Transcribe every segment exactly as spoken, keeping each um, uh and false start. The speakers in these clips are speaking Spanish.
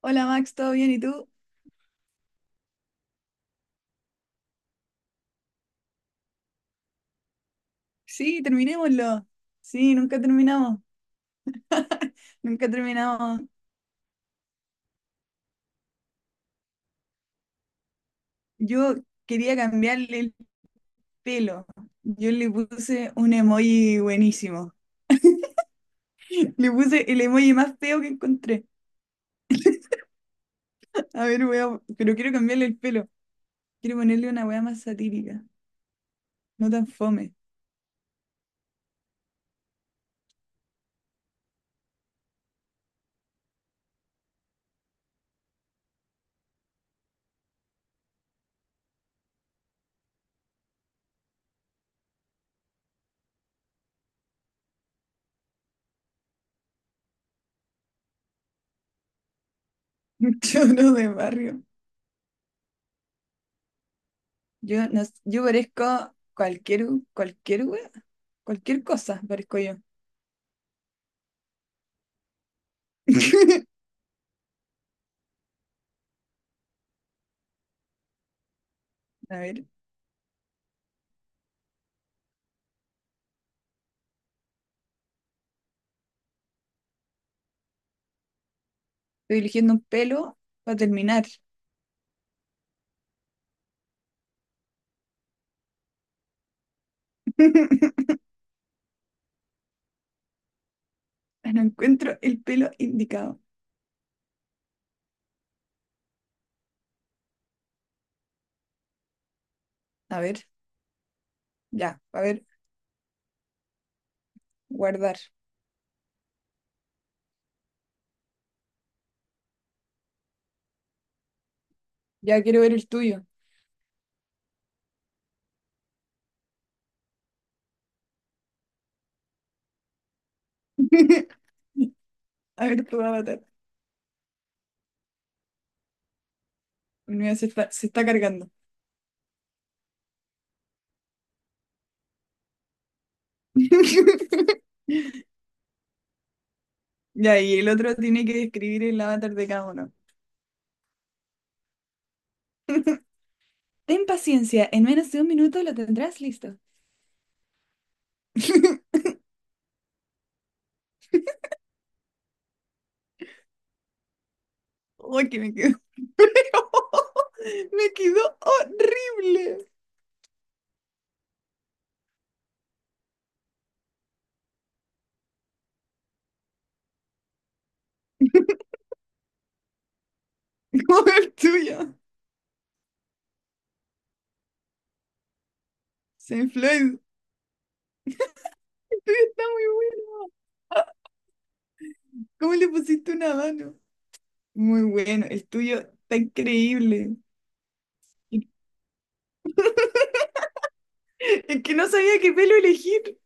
Hola Max, ¿todo bien? ¿Y tú? Sí, terminémoslo. Sí, nunca terminamos, nunca terminamos. Yo quería cambiarle el pelo. Yo le puse un emoji buenísimo. Le puse el emoji más feo que encontré. A ver, weón, pero quiero cambiarle el pelo. Quiero ponerle una weá más satírica, no tan fome. Choro de barrio. Yo, no, yo parezco cualquier, cualquier weá, cualquier cosa parezco yo. A ver, estoy eligiendo un pelo para terminar. No encuentro el pelo indicado. A ver, ya, a ver, guardar. Ya quiero ver el tuyo. A ver tu avatar. Mira, se está, se está cargando. Ya, y el otro tiene que describir el avatar de cada uno. Ten paciencia, en menos de un minuto lo tendrás listo. Uy, que me quedó. Me quedó horrible. Como el tuyo. Saint Floyd. El tuyo está muy bueno. ¿Cómo le pusiste una mano? Muy bueno, el tuyo está increíble. Es que no sabía qué pelo elegir.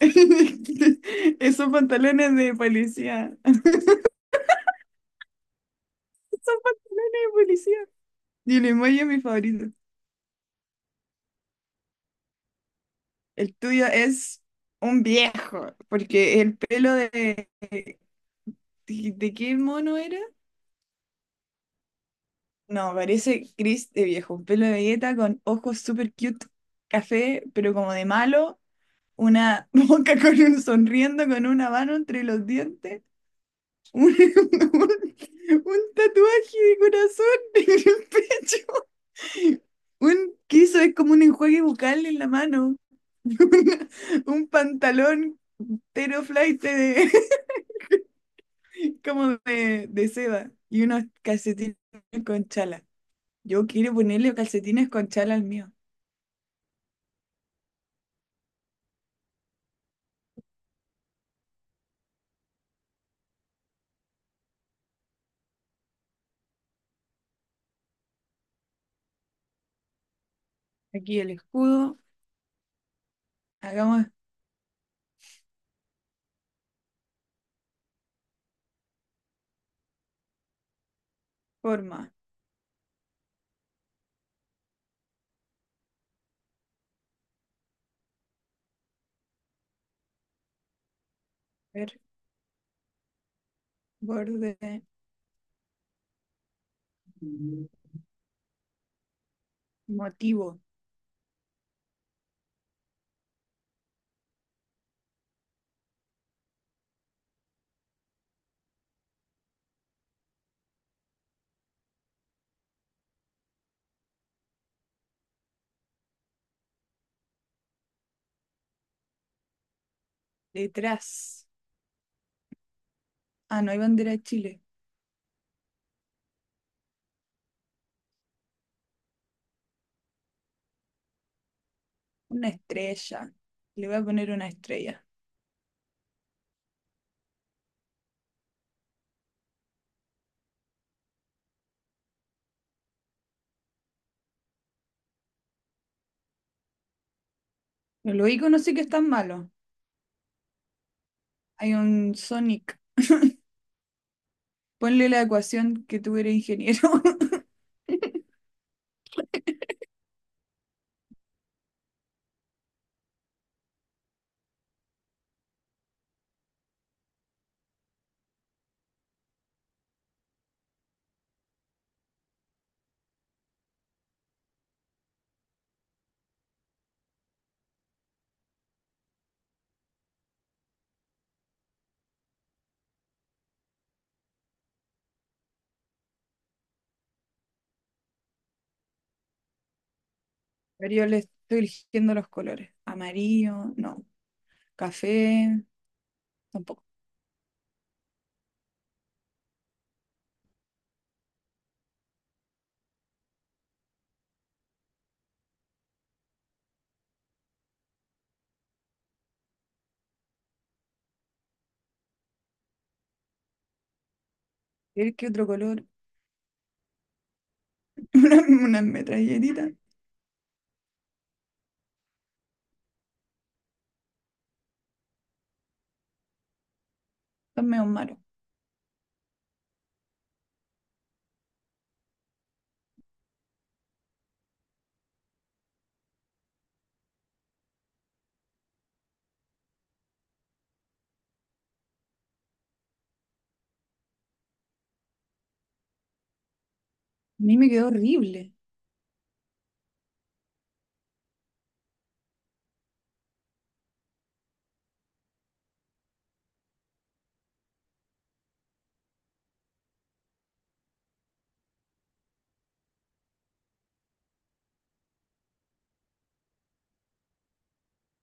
Esos pantalones de policía. Esos pantalones de policía. Y el emoji es mi favorito. El tuyo es un viejo, porque el pelo de… ¿De de qué mono era? No, parece Chris de viejo. Un pelo de galleta con ojos super cute, café, pero como de malo. Una boca con un sonriendo, con una mano entre los dientes. Un, un- un tatuaje de corazón en el pecho. Un que eso es como un enjuague bucal en la mano. Una- un pantalón tero teroflaite de, como de, de seda. Y unos calcetines con chala. Yo quiero ponerle calcetines con chala al mío. Aquí el escudo. Hagamos forma. A ver, borde. Motivo. Detrás. Ah, no hay bandera de Chile. Una estrella. Le voy a poner una estrella. Los iconos sí que están malos. Hay un Sonic. Ponle la ecuación que tuviera ingeniero. A yo le estoy eligiendo los colores. Amarillo, no. Café, tampoco. A ver qué otro color. Una, una metralletitas. Están medio malos. A mí me quedó horrible.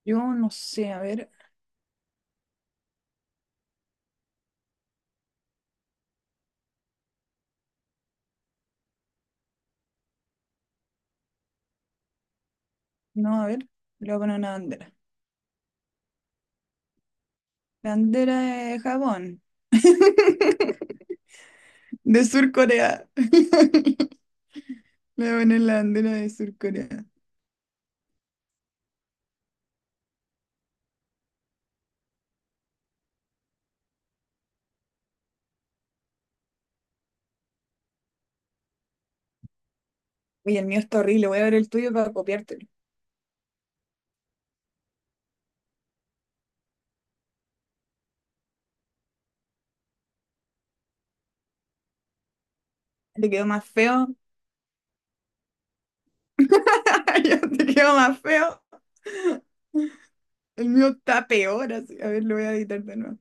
Yo no sé, a ver. No, a ver. Le voy a poner una bandera. Bandera de Japón. De Sur Corea. Me voy en La bananlandera de Sur Corea. Uy, el mío está horrible. Voy a ver el tuyo para copiártelo. Te quedó más feo. Ya te quedó más feo. El mío está peor, así. A ver, lo voy a editar de nuevo.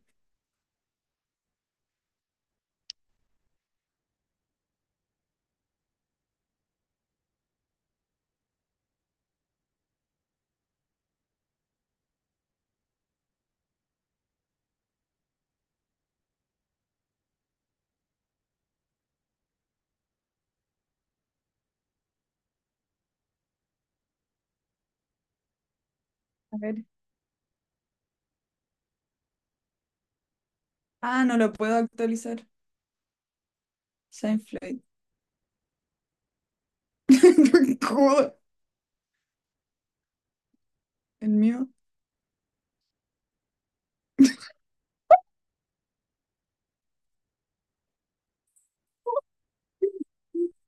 A ver. Ah, no lo puedo actualizar. Seinfeld. Joder, el mío.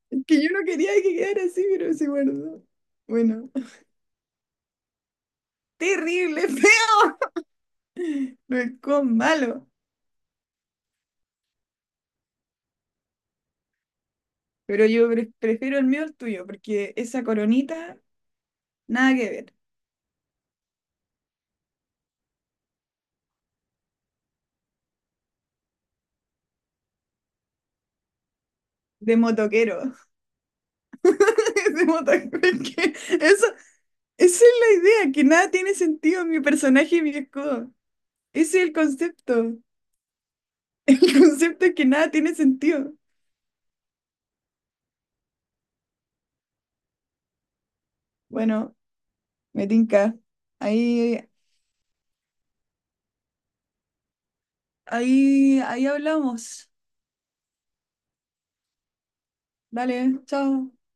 Es que yo no quería que quedara así, pero se guardó. Bueno. Terrible, feo. No es con malo. Pero yo pre- prefiero el mío al tuyo, porque esa coronita, nada que ver. De motoquero. Decimos tal cual que eso, esa es la idea, que nada tiene sentido en mi personaje y mi escudo. Ese es el concepto. El concepto es que nada tiene sentido. Bueno, me tinca. Ahí, ahí, ahí hablamos. Dale, chao.